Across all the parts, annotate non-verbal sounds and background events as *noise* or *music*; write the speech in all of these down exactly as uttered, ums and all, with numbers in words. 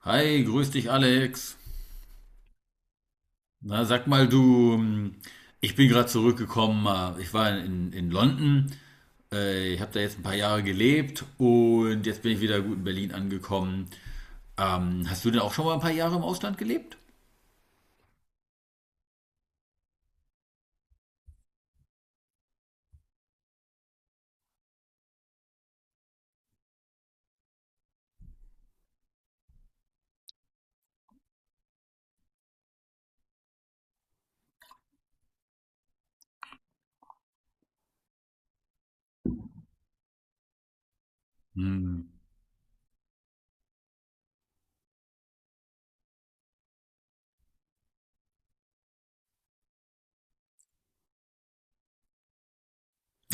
Hi, grüß dich Alex. Na, sag mal du, ähm, ich bin gerade zurückgekommen, äh, ich war in, in London, äh, ich habe da jetzt ein paar Jahre gelebt und jetzt bin ich wieder gut in Berlin angekommen. Ähm, Hast du denn auch schon mal ein paar Jahre im Ausland gelebt? Hm.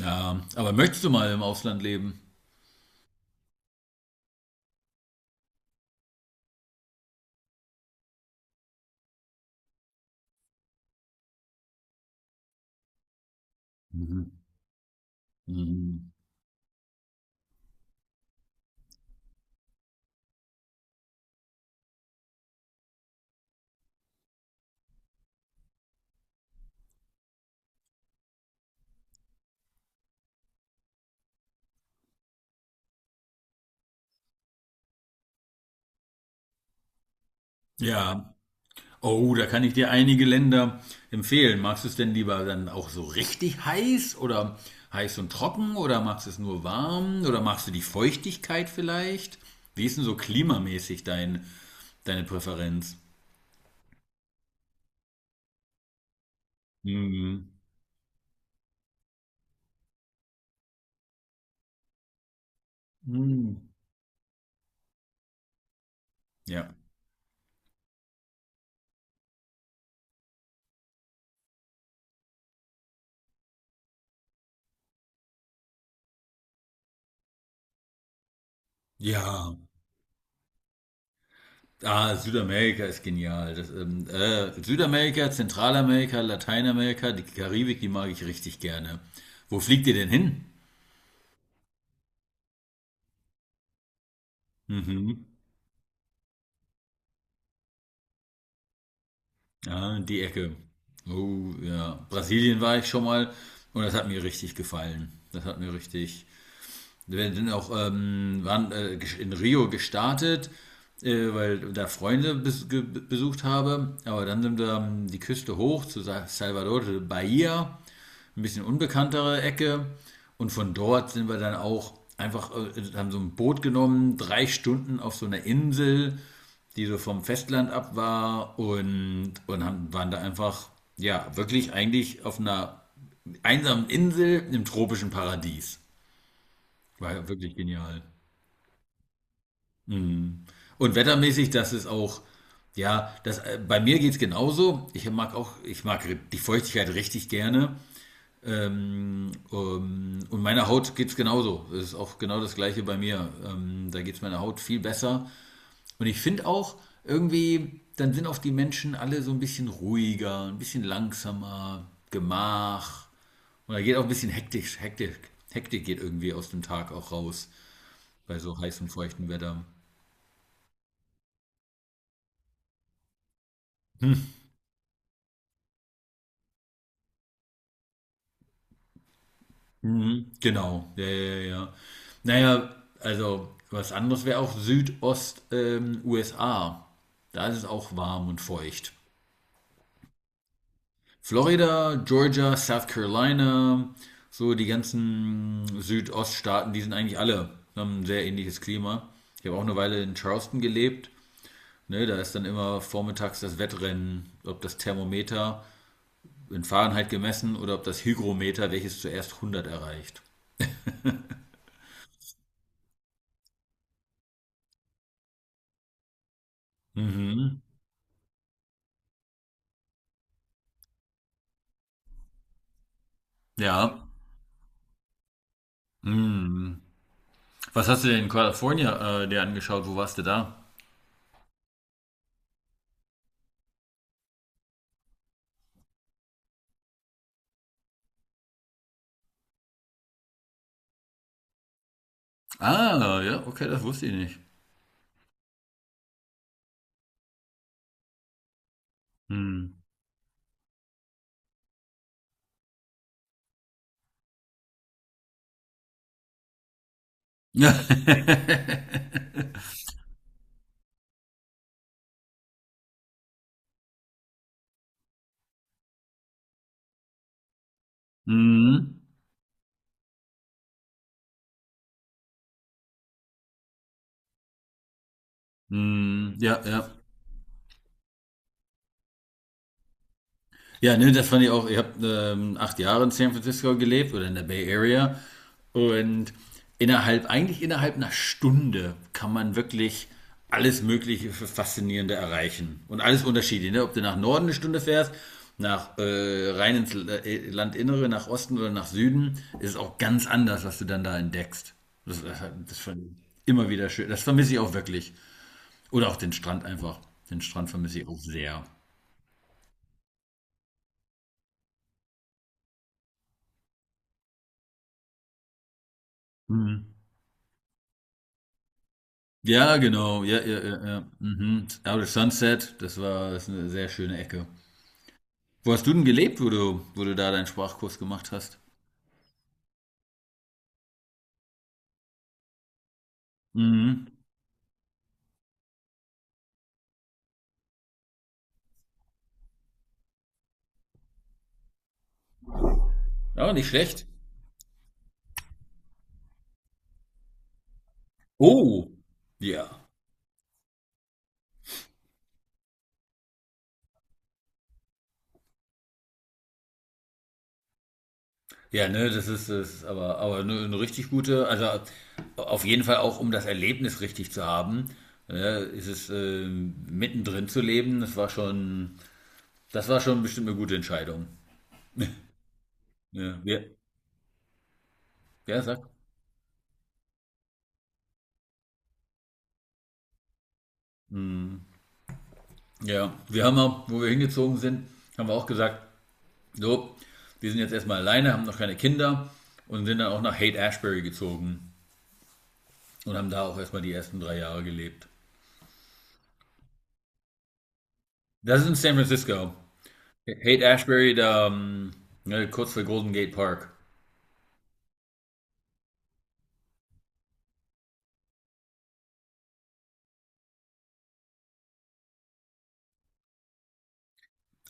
Ja, aber möchtest du mal im Ausland leben? Mhm. Mhm. Ja, oh, da kann ich dir einige Länder empfehlen. Magst du es denn lieber dann auch so richtig heiß oder heiß und trocken oder magst du es nur warm oder magst du die Feuchtigkeit vielleicht? Wie ist denn so klimamäßig dein, deine Präferenz? Mhm. Mhm. Ja. Ja. Ah, Südamerika ist genial. Das, ähm, äh, Südamerika, Zentralamerika, Lateinamerika, die Karibik, die mag ich richtig gerne. Wo fliegt ihr denn hin? Mhm. Ja, die Ecke. Oh ja. Brasilien war ich schon mal und das hat mir richtig gefallen. Das hat mir richtig. Wir sind auch ähm, waren, äh, in Rio gestartet, äh, weil da Freunde bes ge- besucht habe. Aber dann sind wir ähm, die Küste hoch zu Sa- Salvador de Bahia, ein bisschen unbekanntere Ecke. Und von dort sind wir dann auch einfach, äh, haben so ein Boot genommen, drei Stunden auf so einer Insel, die so vom Festland ab war und, und haben, waren da einfach, ja, wirklich eigentlich auf einer einsamen Insel im tropischen Paradies. War ja wirklich genial. Und wettermäßig, das ist auch, ja, das, äh, bei mir geht es genauso. Ich mag auch, ich mag die Feuchtigkeit richtig gerne. Ähm, ähm, und meiner Haut geht es genauso. Es ist auch genau das gleiche bei mir. Ähm, da geht es meiner Haut viel besser. Und ich finde auch irgendwie, dann sind auch die Menschen alle so ein bisschen ruhiger, ein bisschen langsamer, gemach. Und da geht auch ein bisschen hektisch, hektisch. Hektik geht irgendwie aus dem Tag auch raus, bei so heißem, feuchten Wetter. Hm. Mhm. Genau, ja, ja, ja, ja. Naja, also was anderes wäre auch Südost, ähm, U S A. Da ist es auch warm und feucht. Florida, Georgia, South Carolina, so die ganzen Südoststaaten, die sind eigentlich alle, haben ein sehr ähnliches Klima. Ich habe auch eine Weile in Charleston gelebt. Ne, da ist dann immer vormittags das Wettrennen, ob das Thermometer in Fahrenheit gemessen oder ob das Hygrometer, welches zuerst hundert erreicht. Mhm. Ja. Hm. Was hast du denn in Kalifornien äh, dir angeschaut? Wo warst du da? Ah, ja, okay, das wusste ich nicht. Hm. *laughs* Mhm. Hm, ja, ja. Ja, ne, das fand ich auch. Ich habe ähm, acht Jahre in San Francisco gelebt oder in der Bay Area. Und innerhalb, eigentlich innerhalb einer Stunde kann man wirklich alles Mögliche für Faszinierende erreichen. Und alles unterschiedlich, ne? Ob du nach Norden eine Stunde fährst, nach äh, rein ins äh, Landinnere, nach Osten oder nach Süden, ist es auch ganz anders, was du dann da entdeckst. Das, das, das fand ich immer wieder schön. Das vermisse ich auch wirklich. Oder auch den Strand einfach. Den Strand vermisse ich auch sehr. Ja, genau. Ja, ja, ja, ja. Mhm. Out of Sunset, das war das ist eine sehr schöne Ecke. Wo hast du denn gelebt, wo du, wo du da deinen Sprachkurs gemacht hast? Mhm. Ja, nicht schlecht. Oh, ja. Ja, ne, das ist es, aber, aber eine, eine richtig gute, also auf jeden Fall auch, um das Erlebnis richtig zu haben, ne, ist es ähm, mittendrin zu leben, das war schon, das war schon bestimmt eine gute Entscheidung. Ja, wir, ja, sag. Ja, wir haben auch, wo wir hingezogen sind, haben wir auch gesagt, so, wir sind jetzt erstmal alleine, haben noch keine Kinder und sind dann auch nach Haight Ashbury gezogen und haben da auch erstmal die ersten drei Jahre gelebt. Das ist in San Francisco. Haight Ashbury, da, ähm, ne, kurz vor Golden Gate Park.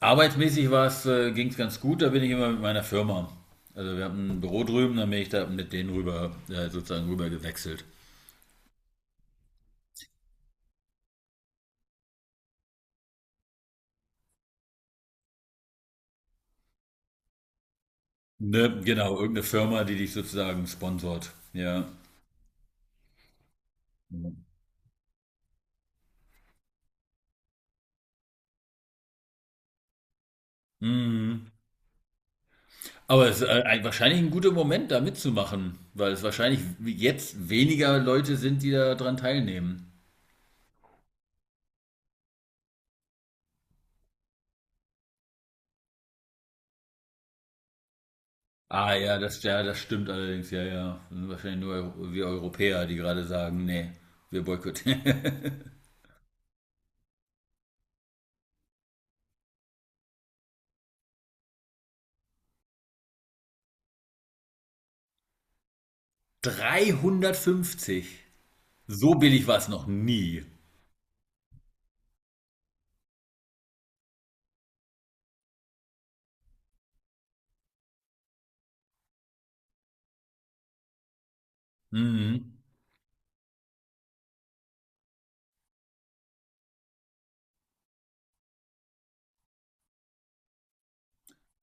Arbeitsmäßig war's, äh, ging es ganz gut, da bin ich immer mit meiner Firma. Also wir haben ein Büro drüben, dann bin ich da mit denen rüber, äh, sozusagen rüber gewechselt. Ne, genau, irgendeine Firma, die dich sozusagen sponsort. Ja. Mhm. Aber es ist äh, ein- wahrscheinlich ein guter Moment, da mitzumachen, weil es wahrscheinlich jetzt weniger Leute sind, die daran teilnehmen. Ah ja, das, ja, das stimmt allerdings, ja, ja. Das sind wahrscheinlich nur Eu- wir Europäer, die gerade sagen, nee, wir boykottieren. *laughs* Dreihundertfünfzig? So billig war es noch nie. Mhm.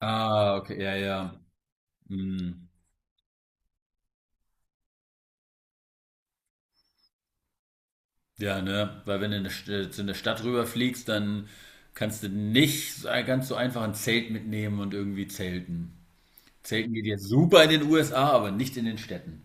Ah, okay, ja, ja. Mhm. Ja, ne? Weil wenn du in eine St- zu einer Stadt rüberfliegst, dann kannst du nicht so- ganz so einfach ein Zelt mitnehmen und irgendwie zelten. Zelten geht jetzt super in den U S A, aber nicht in den Städten.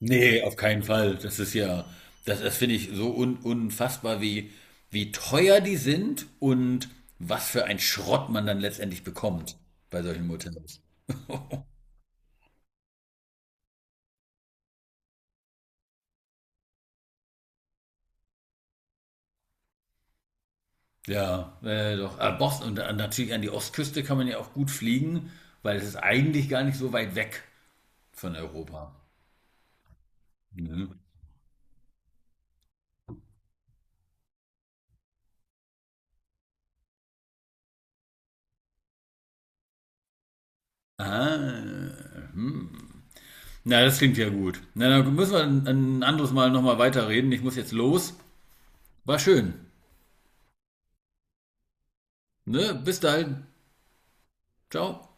Nee, auf keinen Fall. Das ist ja, das, das finde ich so un, unfassbar, wie, wie teuer die sind und was für ein Schrott man dann letztendlich bekommt bei solchen Motels. Ja, äh, doch. Ah, Boston und äh, natürlich an die Ostküste kann man ja auch gut fliegen, weil es ist eigentlich gar nicht so weit weg von Europa. Mhm. Ah, na, das klingt ja gut. Na, dann müssen wir ein, ein anderes Mal nochmal weiterreden. Ich muss jetzt los. War schön. Ne? Bis dahin. Ciao.